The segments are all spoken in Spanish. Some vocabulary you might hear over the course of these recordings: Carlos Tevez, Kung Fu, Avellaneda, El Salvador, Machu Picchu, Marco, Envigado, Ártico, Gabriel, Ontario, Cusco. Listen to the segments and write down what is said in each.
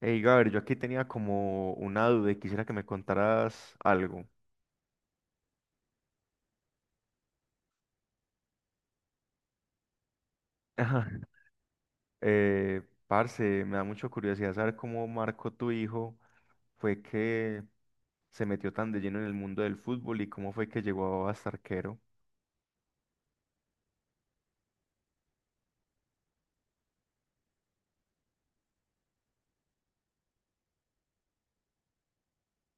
Hey, Gabriel, yo aquí tenía como una duda y quisiera que me contaras algo. Ajá. Parce, me da mucha curiosidad saber cómo Marco, tu hijo, fue que se metió tan de lleno en el mundo del fútbol y cómo fue que llegó a ser arquero.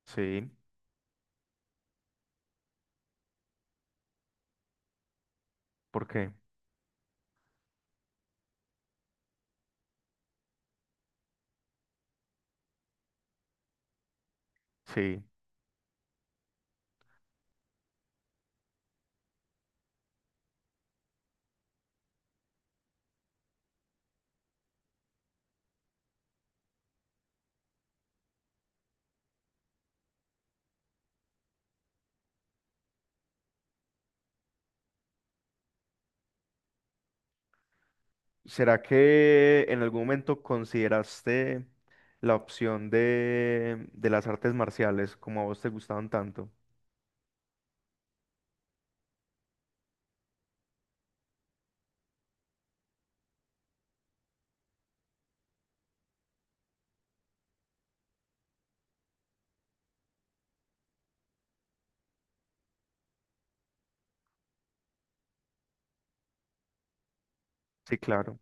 Sí, ¿por qué? Sí. ¿Será que en algún momento consideraste la opción de las artes marciales como a vos te gustaban tanto? Sí, claro.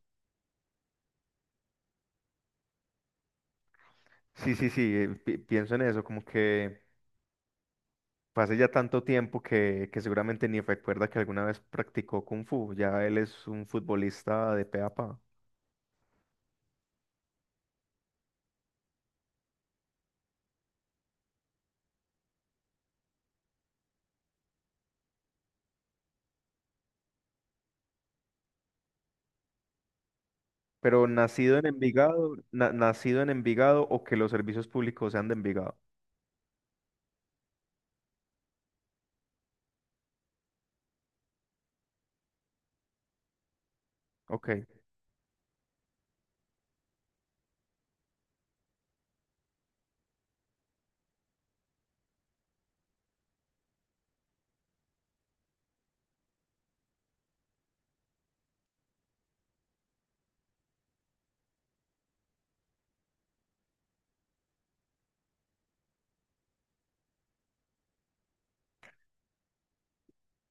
Sí, sí, sí, pienso en eso, como que fue hace ya tanto tiempo que seguramente ni recuerda que alguna vez practicó Kung Fu. Ya él es un futbolista de pe a pa. Pero nacido en Envigado, nacido en Envigado, o que los servicios públicos sean de Envigado. Ok.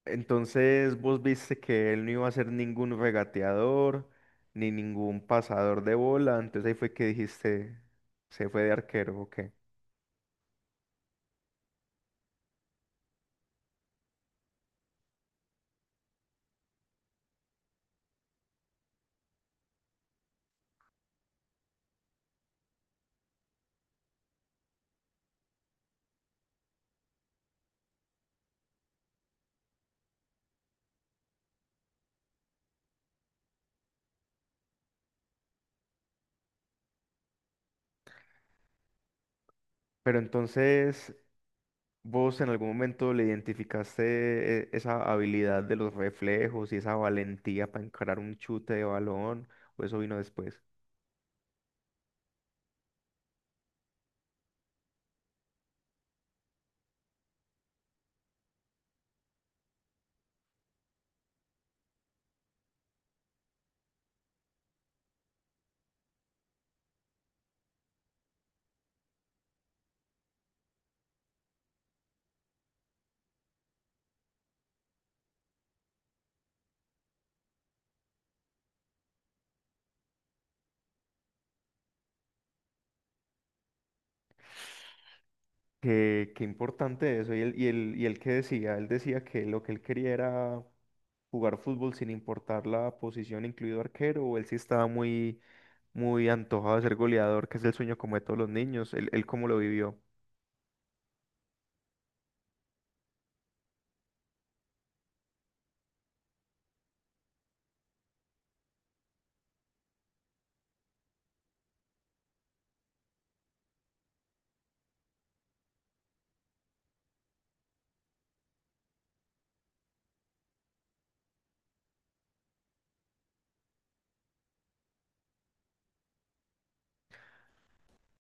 Entonces vos viste que él no iba a ser ningún regateador ni ningún pasador de bola. Entonces ahí fue que dijiste, se fue de arquero, ok. Pero entonces, ¿vos en algún momento le identificaste esa habilidad de los reflejos y esa valentía para encarar un chute de balón? ¿O eso vino después? Qué, qué importante eso. Y el qué decía, él decía que lo que él quería era jugar fútbol sin importar la posición, incluido arquero, o él sí estaba muy, muy antojado de ser goleador, que es el sueño como de todos los niños. Él cómo lo vivió.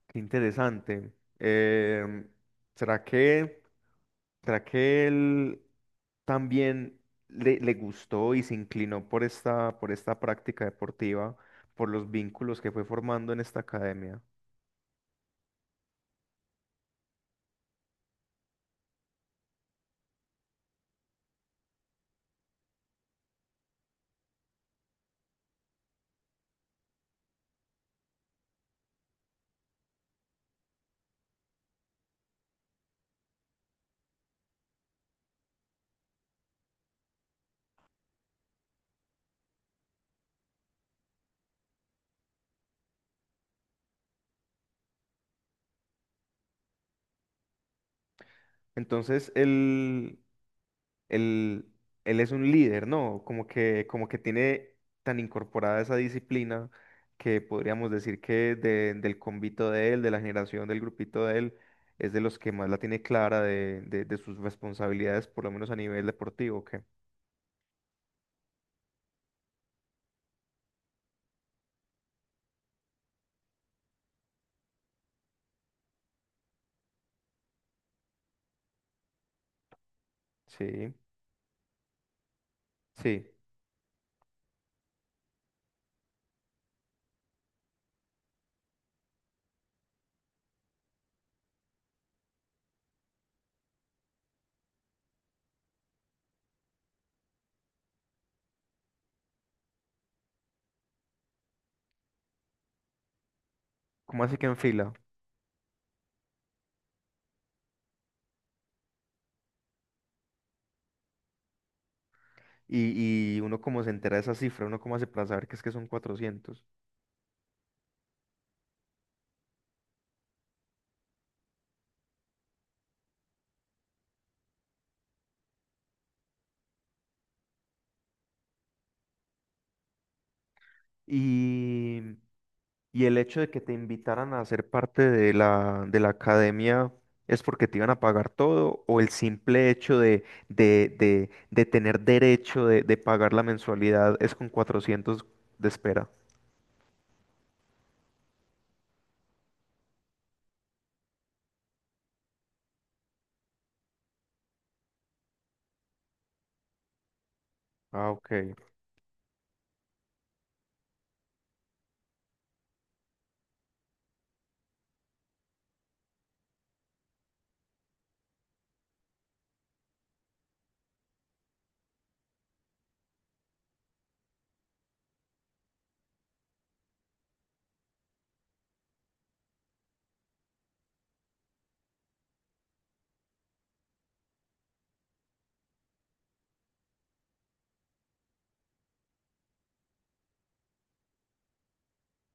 Qué interesante. Em, ¿Será que... ¿será que él también le gustó y se inclinó por esta práctica deportiva, por los vínculos que fue formando en esta academia? Entonces, él, él es un líder, ¿no? Como que tiene tan incorporada esa disciplina que podríamos decir que del convito de él, de la generación del grupito de él, es de los que más la tiene clara de, de sus responsabilidades, por lo menos a nivel deportivo, que sí, sí. ¿Cómo así que en fila? Y uno como se entera de esa cifra, uno como hace para saber que es que son 400. Y, y el hecho de que te invitaran a ser parte de la academia es porque te iban a pagar todo, o el simple hecho de tener derecho de pagar la mensualidad es con 400 de espera. Ah, ok.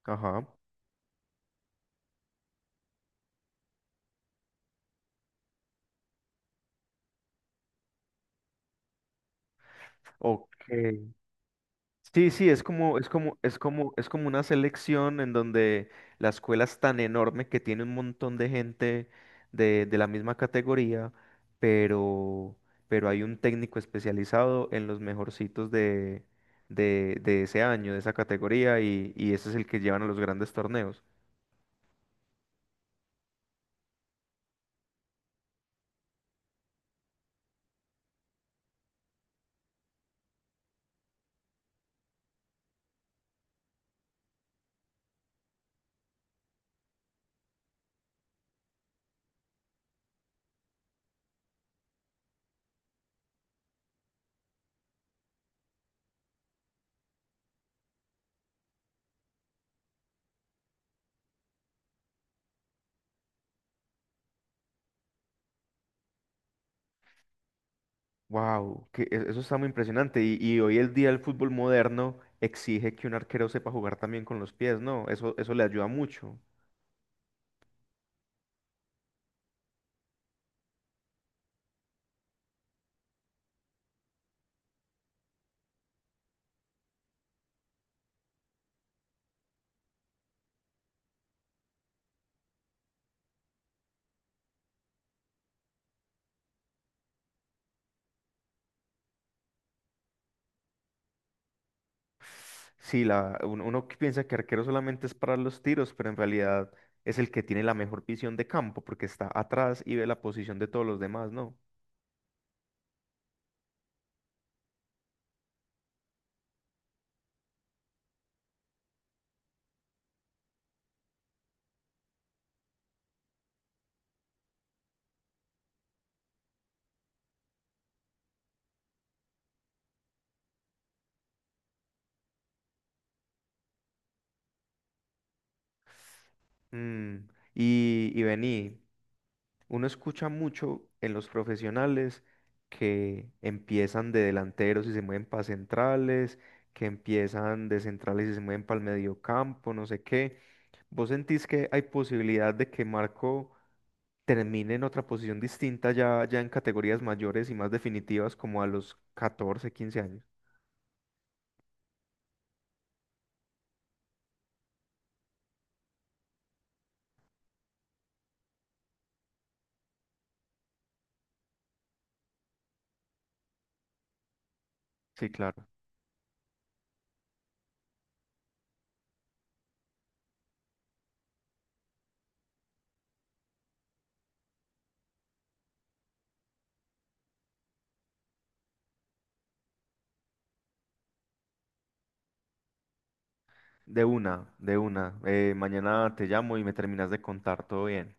Ajá. Ok. Sí, sí, es como, es como, es como una selección en donde la escuela es tan enorme que tiene un montón de gente de la misma categoría, pero, pero hay un técnico especializado en los mejorcitos de ese año, de esa categoría, y ese es el que llevan a los grandes torneos. Wow, eso está muy impresionante. Y hoy el día el fútbol moderno exige que un arquero sepa jugar también con los pies, ¿no? Eso le ayuda mucho. Sí, uno que piensa que arquero solamente es para los tiros, pero en realidad es el que tiene la mejor visión de campo porque está atrás y ve la posición de todos los demás, ¿no? Mm, y vení, uno escucha mucho en los profesionales que empiezan de delanteros y se mueven para centrales, que empiezan de centrales y se mueven para el mediocampo, no sé qué. ¿Vos sentís que hay posibilidad de que Marco termine en otra posición distinta ya, ya en categorías mayores y más definitivas como a los 14, 15 años? Sí, claro. De una, de una. Mañana te llamo y me terminas de contar todo bien.